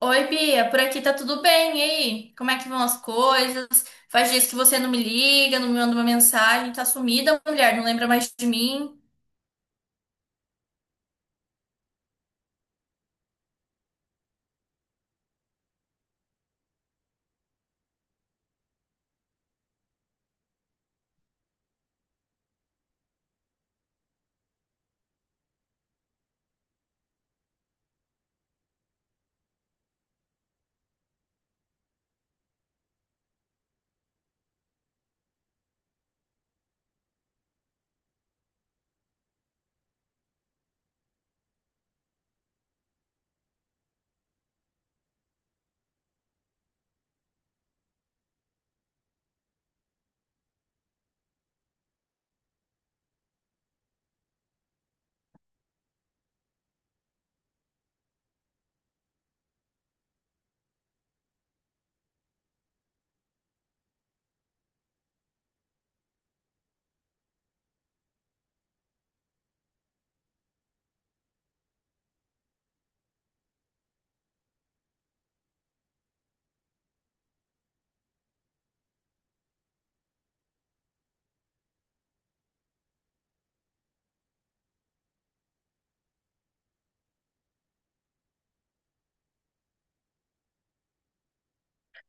Oi, Bia, por aqui tá tudo bem, e aí? Como é que vão as coisas? Faz dias que você não me liga, não me manda uma mensagem, tá sumida, mulher, não lembra mais de mim.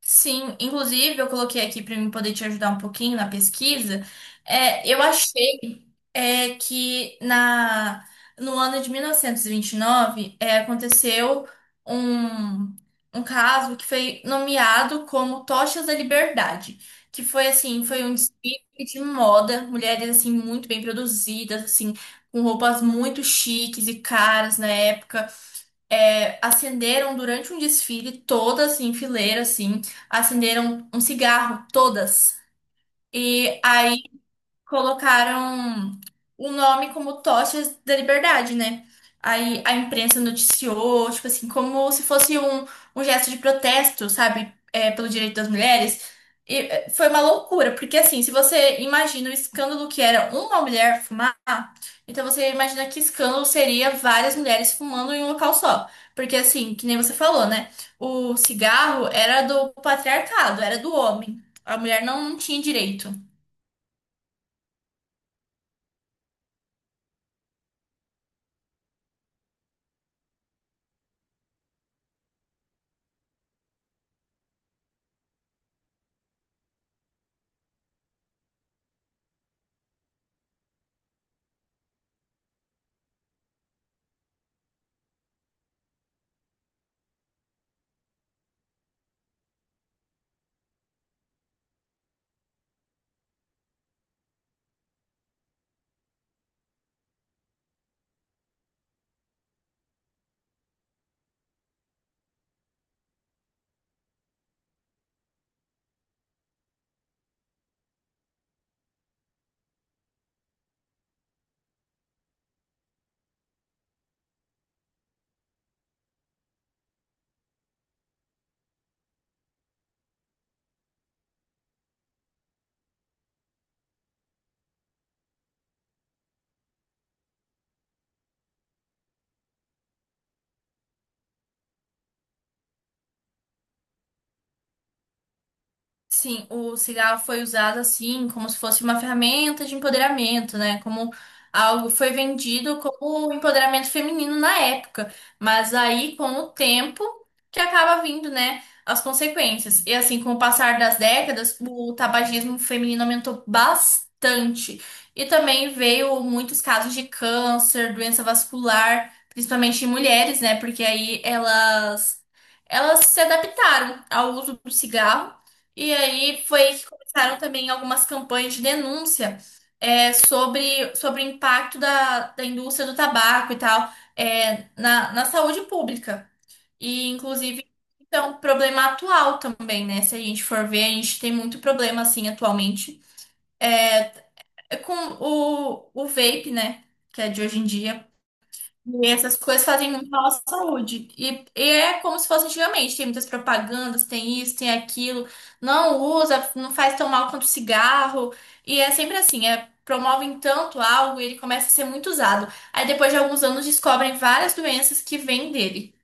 Sim, inclusive eu coloquei aqui para mim poder te ajudar um pouquinho na pesquisa. É, eu achei é, que na, No ano de 1929 aconteceu um, um caso que foi nomeado como Tochas da Liberdade, que foi assim, foi um desfile de moda, mulheres assim muito bem produzidas, assim, com roupas muito chiques e caras na época, acenderam durante um desfile, todas em fileira, assim, acenderam um cigarro, todas. E aí colocaram o nome como Tochas da Liberdade, né? Aí a imprensa noticiou, tipo assim, como se fosse um gesto de protesto, sabe? É, pelo direito das mulheres. Foi uma loucura, porque assim, se você imagina o escândalo que era uma mulher fumar, então você imagina que escândalo seria várias mulheres fumando em um local só. Porque assim, que nem você falou, né? O cigarro era do patriarcado, era do homem. A mulher não tinha direito. Sim, o cigarro foi usado assim, como se fosse uma ferramenta de empoderamento, né? Como algo foi vendido como um empoderamento feminino na época. Mas aí, com o tempo, que acaba vindo, né, as consequências. E assim, com o passar das décadas, o tabagismo feminino aumentou bastante. E também veio muitos casos de câncer, doença vascular, principalmente em mulheres, né? Porque elas se adaptaram ao uso do cigarro. E aí foi que começaram também algumas campanhas de denúncia, sobre, sobre o impacto da indústria do tabaco e tal, na saúde pública. E, inclusive, é um problema atual também, né? Se a gente for ver, a gente tem muito problema, assim, atualmente. Eh, É, com o vape, né? Que é de hoje em dia. E essas coisas fazem muito mal à saúde. E é como se fosse antigamente. Tem muitas propagandas, tem isso, tem aquilo. Não usa, não faz tão mal quanto cigarro. E é sempre assim, é, promovem tanto algo e ele começa a ser muito usado. Aí depois de alguns anos descobrem várias doenças que vêm dele.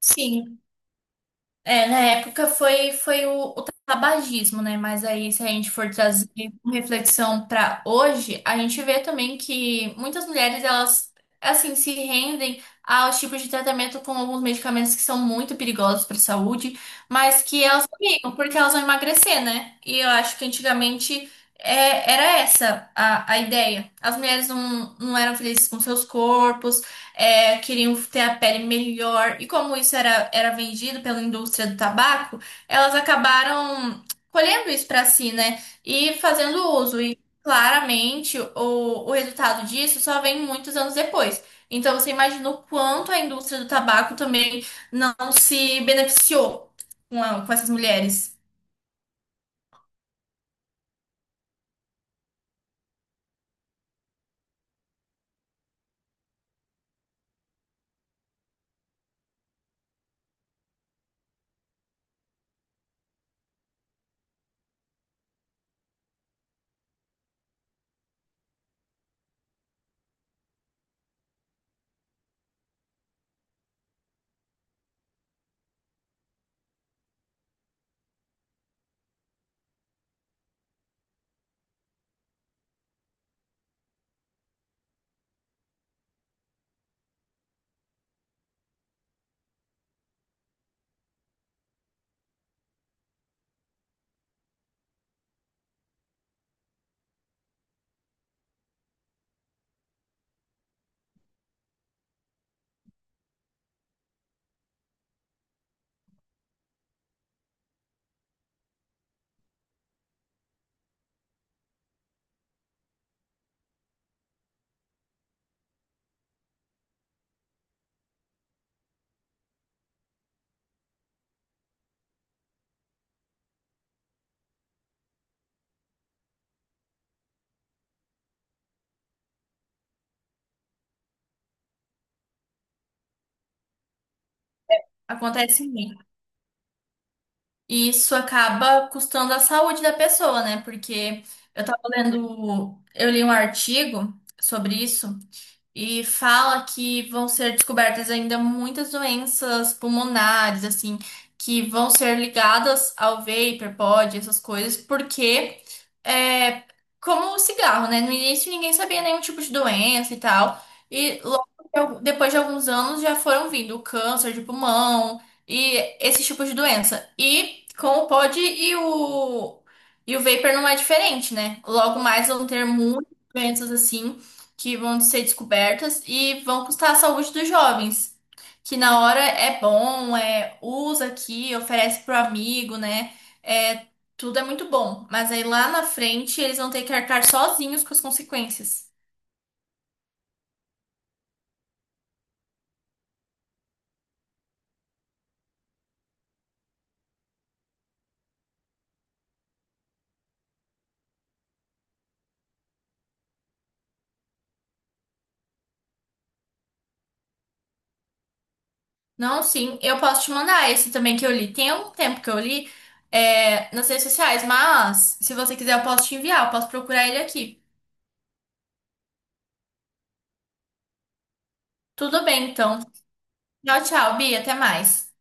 Sim. É, na época foi o tabagismo, né? Mas aí, se a gente for trazer uma reflexão para hoje, a gente vê também que muitas mulheres, elas, assim, se rendem aos tipos de tratamento com alguns medicamentos que são muito perigosos para a saúde, mas que elas tomam porque elas vão emagrecer, né? E eu acho que antigamente, era essa a ideia. As mulheres não eram felizes com seus corpos, é, queriam ter a pele melhor. E como isso era, era vendido pela indústria do tabaco, elas acabaram colhendo isso para si, né? E fazendo uso. E claramente o resultado disso só vem muitos anos depois. Então você imagina o quanto a indústria do tabaco também não se beneficiou com essas mulheres. Acontece muito. E isso acaba custando a saúde da pessoa, né? Porque eu tava lendo, eu li um artigo sobre isso, e fala que vão ser descobertas ainda muitas doenças pulmonares, assim, que vão ser ligadas ao vapor, pod, essas coisas, porque é como o cigarro, né? No início ninguém sabia nenhum tipo de doença e tal. E depois de alguns anos já foram vindo o câncer de pulmão e esse tipo de doença. E com o pod e e o vapor não é diferente, né? Logo mais vão ter muitas doenças assim que vão ser descobertas e vão custar a saúde dos jovens. Que na hora é bom, é usa aqui, oferece pro amigo, né? É, tudo é muito bom. Mas aí lá na frente eles vão ter que arcar sozinhos com as consequências. Não, sim, eu posso te mandar esse também que eu li. Tem algum tempo que eu li, é, nas redes sociais, mas se você quiser eu posso te enviar, eu posso procurar ele aqui. Tudo bem, então. Tchau, tchau, Bia, até mais.